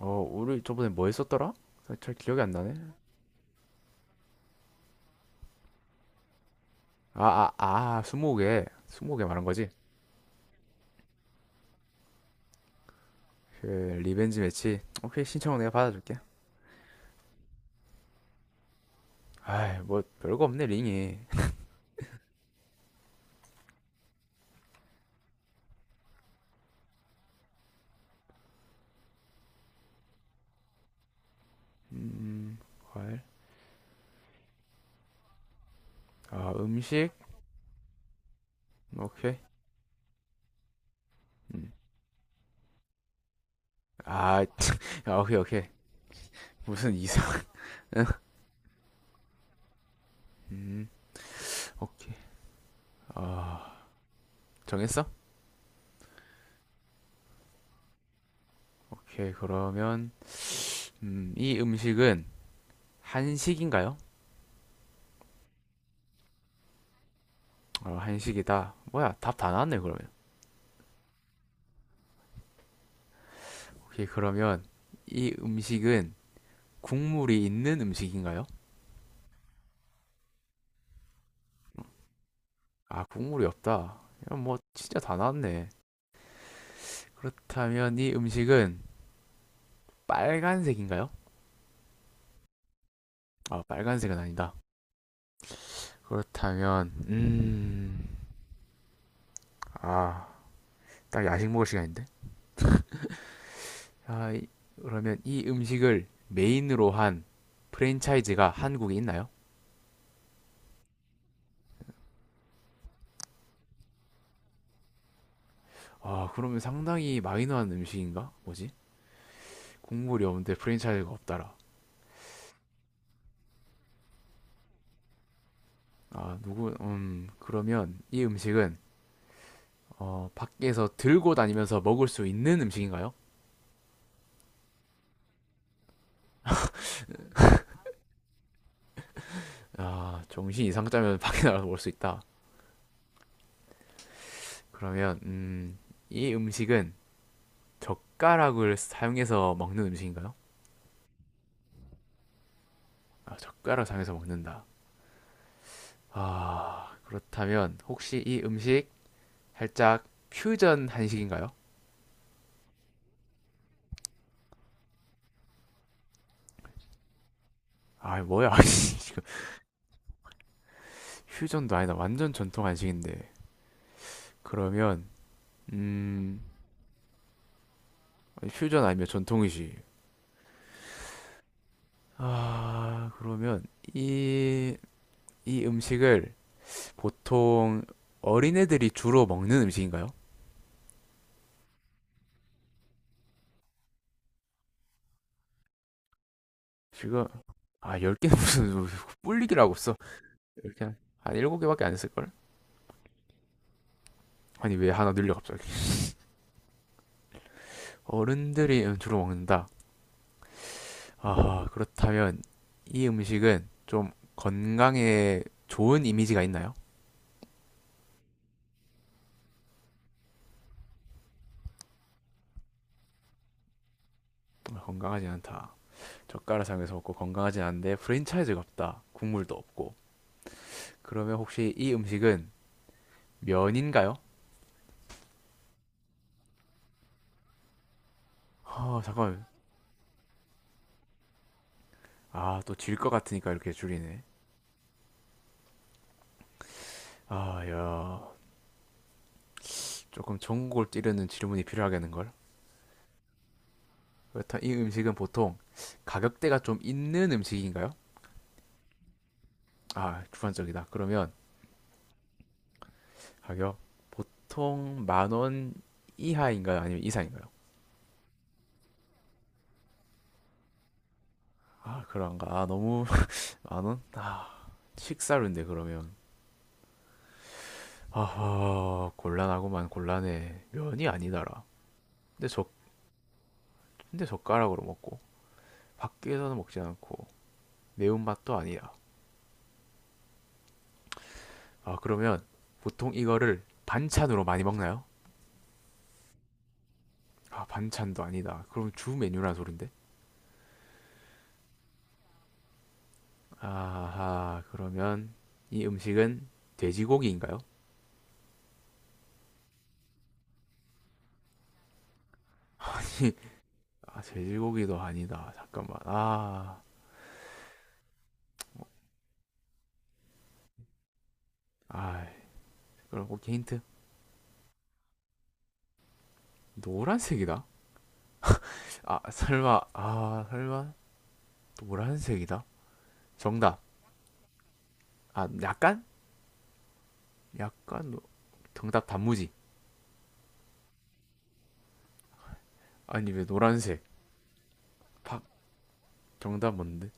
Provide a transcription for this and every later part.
어, 우리 저번에 뭐 했었더라? 잘 기억이 안 나네. 아, 스무고개. 스무고개 말한 거지? 그, 리벤지 매치. 오케이, 신청은 내가 받아줄게. 아이, 뭐, 별거 없네, 링이. 음, 과일. 아, 음식. 오케이. 음. 아, 아, 오케이, 오케이. 무슨 이상. 음, 오케이. 아, 정했어? 오케이, 그러면, 이 음식은 한식인가요? 어, 한식이다. 뭐야, 답 다 나왔네, 그러면. 오케이, 그러면, 이 음식은 국물이 있는 음식인가요? 아, 국물이 없다. 이건 뭐 진짜 다 나왔네. 그렇다면 이 음식은 빨간색인가요? 아, 빨간색은 아니다. 그렇다면 아, 딱 야식 먹을 시간인데. 아, 이- 그러면 이 음식을 메인으로 한 프랜차이즈가 한국에 있나요? 아, 그러면 상당히 마이너한 음식인가? 뭐지? 국물이 없는데 프랜차이즈가 없다라. 아, 누구, 그러면 이 음식은 어, 밖에서 들고 다니면서 먹을 수 있는 음식인가요? 아, 정신 이상 짜면 밖에 나가서 먹을 수 있다. 그러면 이 음식은 젓가락을 사용해서 먹는 음식인가요? 아, 젓가락 사용해서 먹는다. 아, 그렇다면 혹시 이 음식 살짝 퓨전 한식인가요? 아, 뭐야? 지금 퓨전도 아니다. 완전 전통 한식인데. 그러면 음, 퓨전 아니면 전통이지. 아, 그러면 이 이 음식을 보통 어린애들이 주로 먹는 음식인가요? 지금, 아, 10개 무슨 뿔리기라고 써. 이렇게 한 7개밖에 안 했을걸? 아니 왜 하나 늘려 갑자기. 어른들이 주로 먹는다. 아, 그렇다면 이 음식은 좀 건강에 좋은 이미지가 있나요? 건강하지 않다. 젓가락상에서 먹고 건강하지 않은데 프랜차이즈가 없다. 국물도 없고. 그러면 혹시 이 음식은 면인가요? 아 잠깐만. 아, 또 질 것 같으니까 이렇게 줄이네. 아야, 조금 전국을 찌르는 질문이 필요하겠는걸? 그렇다. 이 음식은 보통 가격대가 좀 있는 음식인가요? 아, 주관적이다. 그러면 가격, 보통 만원 이하인가요? 아니면 이상인가요? 아, 그런가? 아, 너무 만 원? 아, 식사료인데. 그러면 아하, 곤란하구만 곤란해. 면이 아니다라. 근데 젓 근데 젓가락으로 먹고 밖에서는 먹지 않고 매운맛도 아니다. 아, 그러면 보통 이거를 반찬으로 많이 먹나요? 아, 반찬도 아니다. 그럼 주 메뉴는 소린데? 아하, 그러면 이 음식은 돼지고기인가요? 아, 돼지고기도 아니다. 잠깐만. 아, 아, 그럼 오케이 힌트. 노란색이다. 아, 설마, 아, 설마 노란색이다. 정답. 아, 약간, 약간 정답 단무지. 아니 왜 노란색? 팍. 정답 뭔데?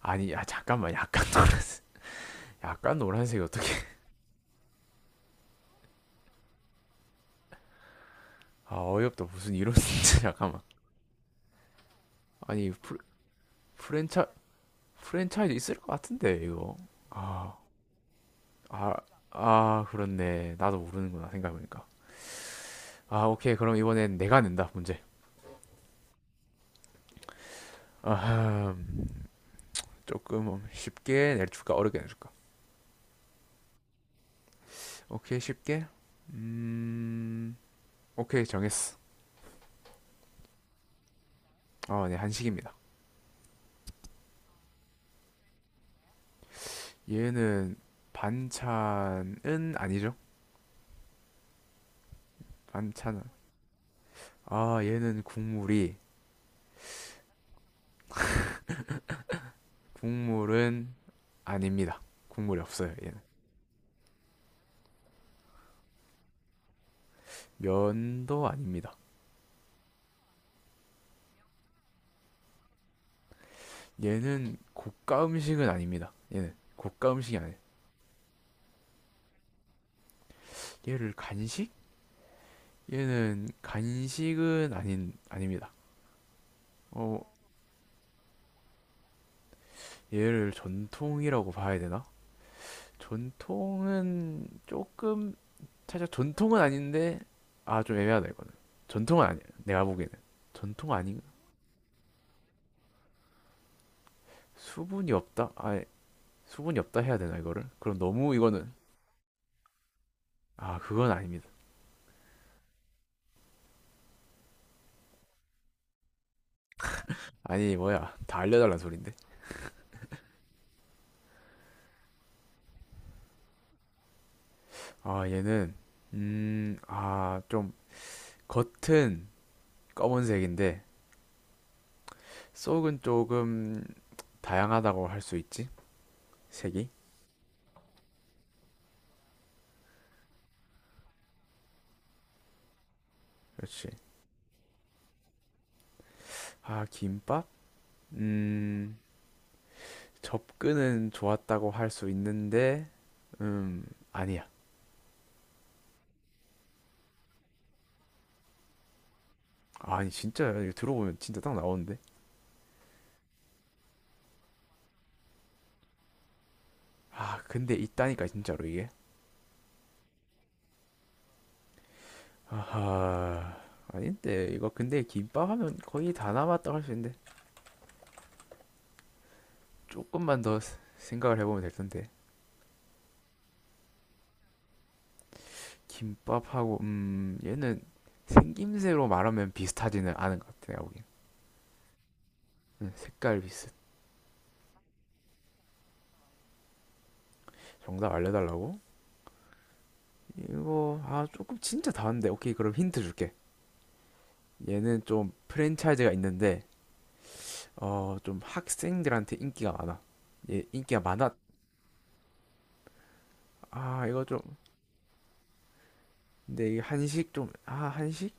아니, 야 잠깐만. 약간 노란색. 약간 노란색이 어떻게? 아 어이없다. 무슨 이런 진짜 잠깐만. 아니, 프랜차 프랜차이즈 있을 것 같은데 이거. 아, 아, 아, 그렇네. 나도 모르는구나 생각해보니까. 아, 오케이. 그럼 이번엔 내가 낸다 문제. 아, 조금 쉽게 내줄까 어렵게 내줄까? 오케이 쉽게. 음. 오케이 정했어. 어네 한식입니다. 얘는 반찬은 아니죠. 반찬은, 아, 얘는 국물이, 국물은 아닙니다. 국물이 없어요 얘는. 면도 아닙니다. 얘는 고가 음식은 아닙니다. 얘는 고가 음식이 아니에요. 얘를 간식? 얘는 간식은 아닌 아닙니다. 어, 얘를 전통이라고 봐야 되나? 전통은 조금 살짝 전통은 아닌데 아 좀 애매하다 이거는. 전통은 아니야. 내가 보기에는 전통 아닌 가. 수분이 없다. 아, 수분이 없다 해야 되나 이거를? 그럼 너무 이거는. 아 그건 아닙니다. 아니 뭐야 다 알려달라는 소린데. 아, 얘는 아, 좀 겉은 검은색인데 속은 조금 다양하다고 할 수 있지? 색이? 그렇지. 아, 김밥? 음, 접근은 좋았다고 할 수 있는데, 음, 아니야. 아니, 진짜, 이거 들어보면 진짜 딱 나오는데. 아, 근데 있다니까, 진짜로 이게. 아하, 아닌데, 이거 근데 김밥 하면 거의 다 남았다고 할 수 있는데, 조금만 더 생각을 해보면 될 텐데. 김밥하고 얘는 생김새로 말하면 비슷하지는 않은 것 같아 내가 보기엔. 색깔 비슷. 정답 알려달라고? 이거 아 조금 진짜 다른데 오케이 그럼 힌트 줄게. 얘는 좀 프랜차이즈가 있는데 어 좀 학생들한테 인기가 많아. 얘 인기가 많아. 아, 이거 좀. 근데 이 한식 좀. 아, 한식?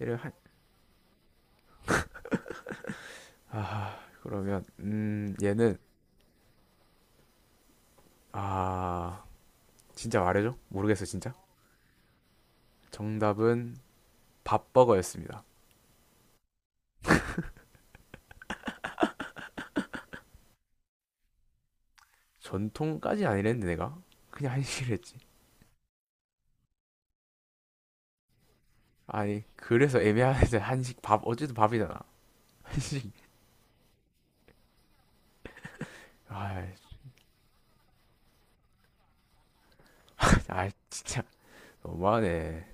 얘를 한, 아, 그러면 얘는, 아, 진짜 말해줘? 모르겠어 진짜. 정답은 밥버거였습니다. 전통까지 아니랬는데 내가 그냥 한식을 했지. 아니 그래서 애매하네 한식. 밥 어쨌든 밥이잖아. 한식. 아, 아 진짜 너무하네.